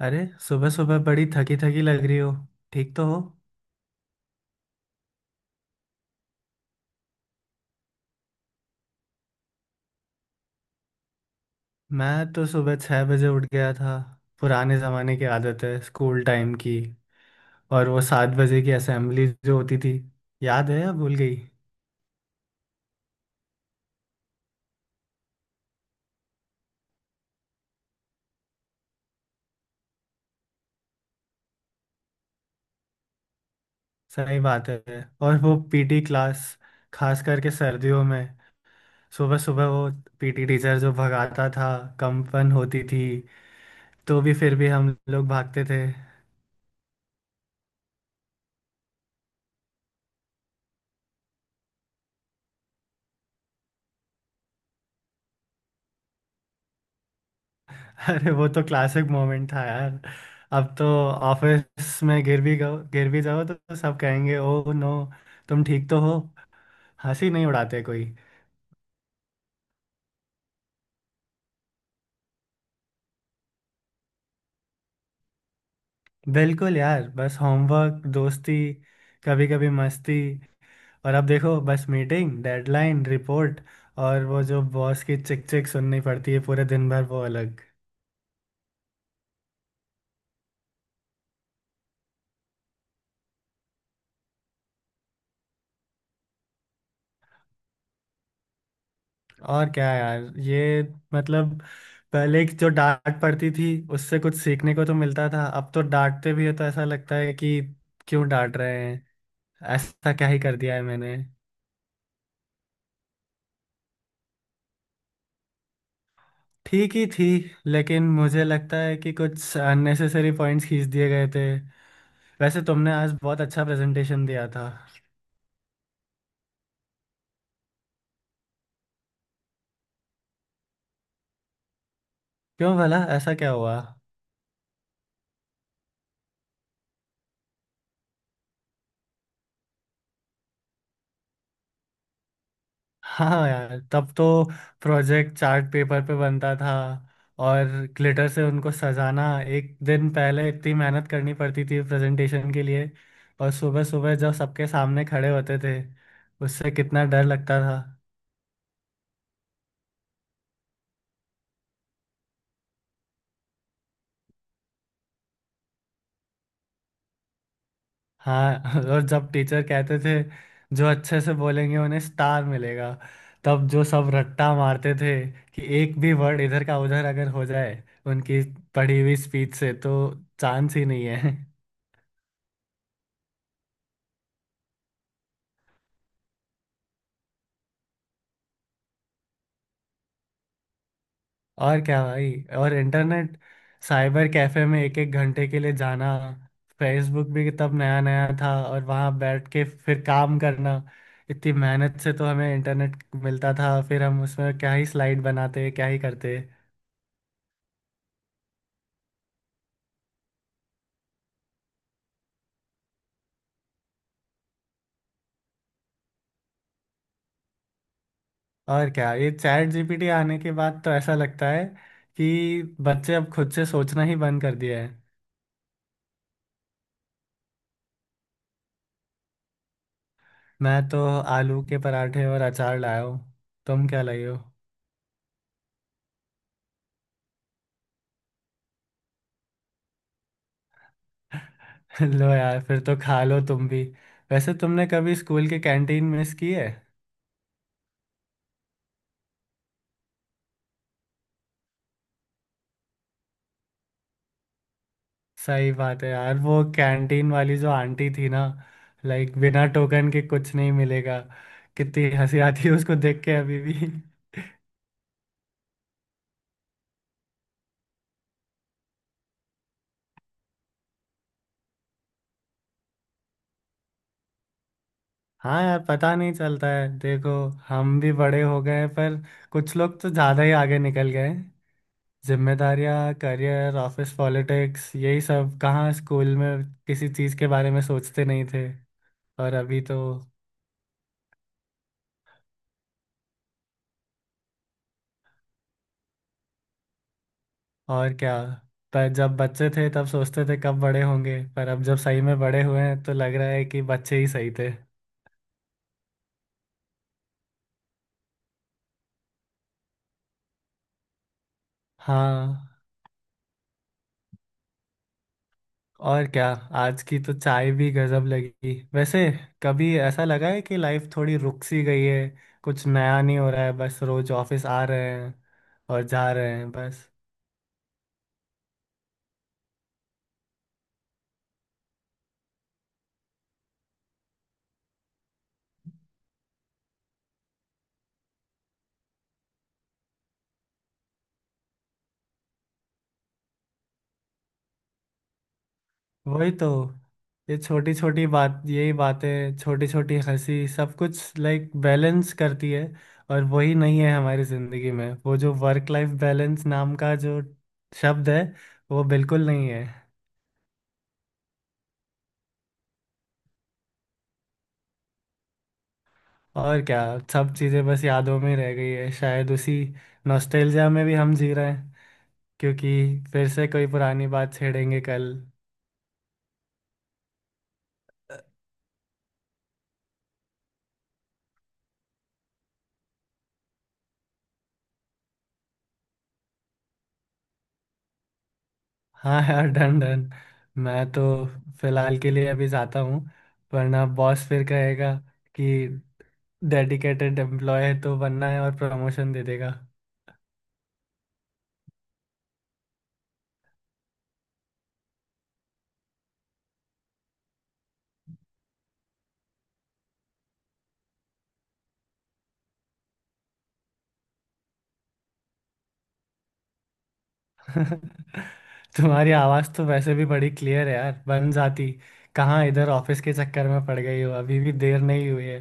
अरे, सुबह सुबह बड़ी थकी थकी लग रही हो। ठीक तो हो। मैं तो सुबह 6 बजे उठ गया था। पुराने ज़माने की आदत है, स्कूल टाइम की। और वो 7 बजे की असेंबली जो होती थी, याद है या भूल गई। सही बात है। और वो पीटी क्लास, खास करके सर्दियों में, सुबह सुबह वो पीटी टीचर जो भगाता था, कंपन होती थी, तो भी फिर भी हम लोग भागते थे। अरे वो तो क्लासिक मोमेंट था यार। अब तो ऑफिस में गिर भी जाओ तो सब कहेंगे, ओ नो, तुम ठीक तो हो। हंसी नहीं उड़ाते कोई। बिल्कुल यार, बस होमवर्क, दोस्ती, कभी कभी मस्ती। और अब देखो बस मीटिंग, डेडलाइन, रिपोर्ट, और वो जो बॉस की चिक चिक सुननी पड़ती है पूरे दिन भर, वो अलग। और क्या यार, ये मतलब पहले की जो डांट पड़ती थी उससे कुछ सीखने को तो मिलता था, अब तो डांटते भी है तो ऐसा लगता है कि क्यों डांट रहे हैं। ऐसा क्या ही कर दिया है मैंने। ठीक ही थी, लेकिन मुझे लगता है कि कुछ अननेसेसरी पॉइंट्स खींच दिए गए थे। वैसे तुमने आज बहुत अच्छा प्रेजेंटेशन दिया था। क्यों भला, ऐसा क्या हुआ। हाँ यार, तब तो प्रोजेक्ट चार्ट पेपर पे बनता था और ग्लिटर से उनको सजाना, एक दिन पहले इतनी मेहनत करनी पड़ती थी प्रेजेंटेशन के लिए। और सुबह सुबह जब सबके सामने खड़े होते थे, उससे कितना डर लगता था। हाँ। और जब टीचर कहते थे जो अच्छे से बोलेंगे उन्हें स्टार मिलेगा, तब जो सब रट्टा मारते थे कि एक भी वर्ड इधर का उधर अगर हो जाए उनकी पढ़ी हुई स्पीच से, तो चांस ही नहीं है। और क्या भाई, और इंटरनेट साइबर कैफे में एक एक घंटे के लिए जाना, फेसबुक भी तब नया नया था, और वहाँ बैठ के फिर काम करना। इतनी मेहनत से तो हमें इंटरनेट मिलता था, फिर हम उसमें क्या ही स्लाइड बनाते, क्या ही करते। और क्या, ये चैट जीपीटी आने के बाद तो ऐसा लगता है कि बच्चे अब खुद से सोचना ही बंद कर दिया है। मैं तो आलू के पराठे और अचार लाया हूँ। तुम क्या लाए हो। लो यार, फिर तो खा लो तुम भी। वैसे तुमने कभी स्कूल की कैंटीन मिस की है। सही बात है यार, वो कैंटीन वाली जो आंटी थी ना, लाइक बिना टोकन के कुछ नहीं मिलेगा, कितनी हंसी आती है उसको देख के अभी भी। हाँ यार, पता नहीं चलता है देखो, हम भी बड़े हो गए हैं, पर कुछ लोग तो ज़्यादा ही आगे निकल गए हैं। जिम्मेदारियाँ, करियर, ऑफिस पॉलिटिक्स, यही सब। कहाँ स्कूल में किसी चीज़ के बारे में सोचते नहीं थे। और अभी तो और क्या। पर जब बच्चे थे तब सोचते थे कब बड़े होंगे, पर अब जब सही में बड़े हुए हैं तो लग रहा है कि बच्चे ही सही थे। हाँ, और क्या। आज की तो चाय भी गजब लगी वैसे। कभी ऐसा लगा है कि लाइफ थोड़ी रुक सी गई है, कुछ नया नहीं हो रहा है, बस रोज ऑफिस आ रहे हैं और जा रहे हैं, बस। वही तो, ये छोटी छोटी बात, यही बातें, छोटी छोटी हंसी, सब कुछ लाइक बैलेंस करती है। और वही नहीं है हमारी जिंदगी में। वो जो वर्क लाइफ बैलेंस नाम का जो शब्द है, वो बिल्कुल नहीं है। और क्या, सब चीज़ें बस यादों में रह गई है, शायद उसी नॉस्टैल्जिया में भी हम जी रहे हैं, क्योंकि फिर से कोई पुरानी बात छेड़ेंगे कल। हाँ यार, डन डन। मैं तो फिलहाल के लिए अभी जाता हूँ, वरना बॉस फिर कहेगा कि डेडिकेटेड एम्प्लॉय है तो बनना है, और प्रमोशन दे देगा। तुम्हारी आवाज़ तो वैसे भी बड़ी क्लियर है यार, बन जाती। कहाँ इधर ऑफिस के चक्कर में पड़ गई हो, अभी भी देर नहीं हुई है।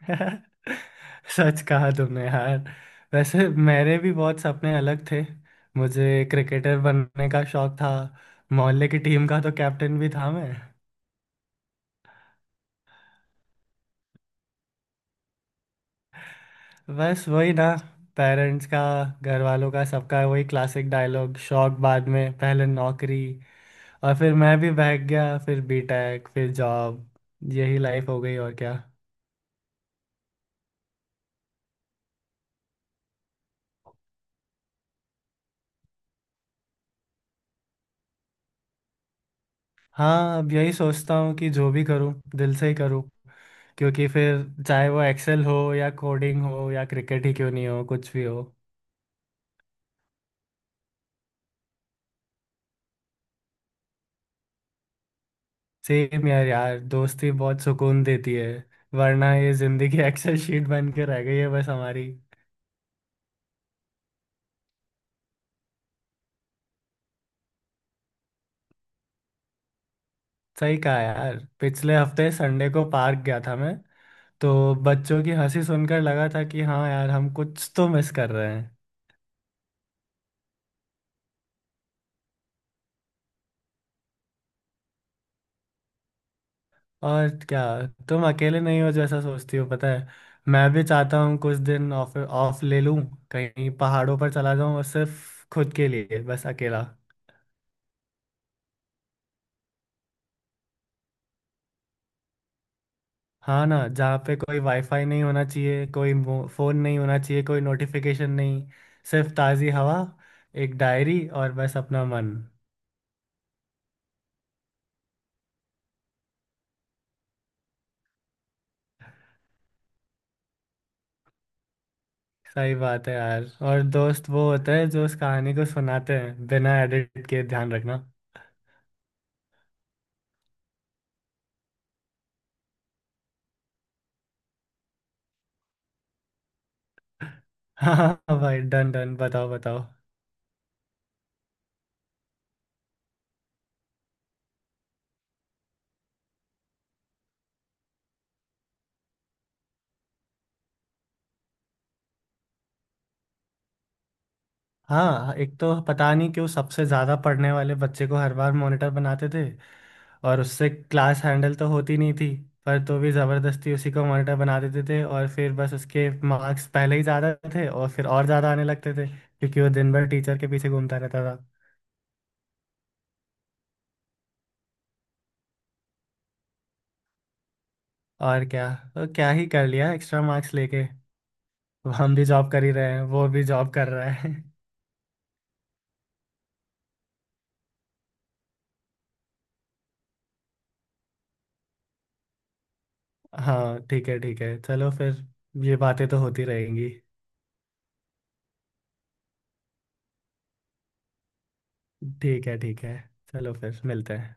सच कहा तुमने यार। वैसे मेरे भी बहुत सपने अलग थे। मुझे क्रिकेटर बनने का शौक था, मोहल्ले की टीम का तो कैप्टन भी था मैं। बस वही ना, पेरेंट्स का, घर वालों का, सबका वही क्लासिक डायलॉग, शौक बाद में पहले नौकरी। और फिर मैं भी भाग गया, फिर बीटेक, फिर जॉब, यही लाइफ हो गई, और क्या। हाँ, अब यही सोचता हूँ कि जो भी करूँ दिल से ही करूँ, क्योंकि फिर चाहे वो एक्सेल हो या कोडिंग हो या क्रिकेट ही क्यों नहीं हो, कुछ भी हो। सेम यार यार दोस्ती बहुत सुकून देती है, वरना ये जिंदगी एक्सेल शीट बन के रह गई है बस हमारी। सही कहा यार, पिछले हफ्ते संडे को पार्क गया था मैं, तो बच्चों की हंसी सुनकर लगा था कि हाँ यार, हम कुछ तो मिस कर रहे हैं। और क्या, तुम अकेले नहीं हो जैसा सोचती हो, पता है। मैं भी चाहता हूँ कुछ दिन ऑफ ऑफ ले लूँ, कहीं पहाड़ों पर चला जाऊँ और सिर्फ खुद के लिए, बस अकेला। हाँ ना, जहाँ पे कोई वाईफाई नहीं होना चाहिए, कोई फोन नहीं होना चाहिए, कोई नोटिफिकेशन नहीं, सिर्फ ताज़ी हवा, एक डायरी, और बस अपना मन। सही बात है यार, और दोस्त वो होते हैं जो उस कहानी को सुनाते हैं बिना एडिट के, ध्यान रखना। हाँ भाई, डन डन, बताओ बताओ। हाँ, एक तो पता नहीं क्यों सबसे ज़्यादा पढ़ने वाले बच्चे को हर बार मॉनिटर बनाते थे, और उससे क्लास हैंडल तो होती नहीं थी, पर तो भी ज़बरदस्ती उसी को मॉनिटर बना देते थे। और फिर बस, उसके मार्क्स पहले ही ज़्यादा थे और फिर और ज़्यादा आने लगते थे, क्योंकि वो दिन भर टीचर के पीछे घूमता रहता था। और क्या, तो क्या ही कर लिया एक्स्ट्रा मार्क्स लेके। हम भी जॉब कर ही रहे हैं, वो भी जॉब कर रहा है। हाँ ठीक है ठीक है, चलो फिर, ये बातें तो होती रहेंगी। ठीक है ठीक है, चलो फिर मिलते हैं।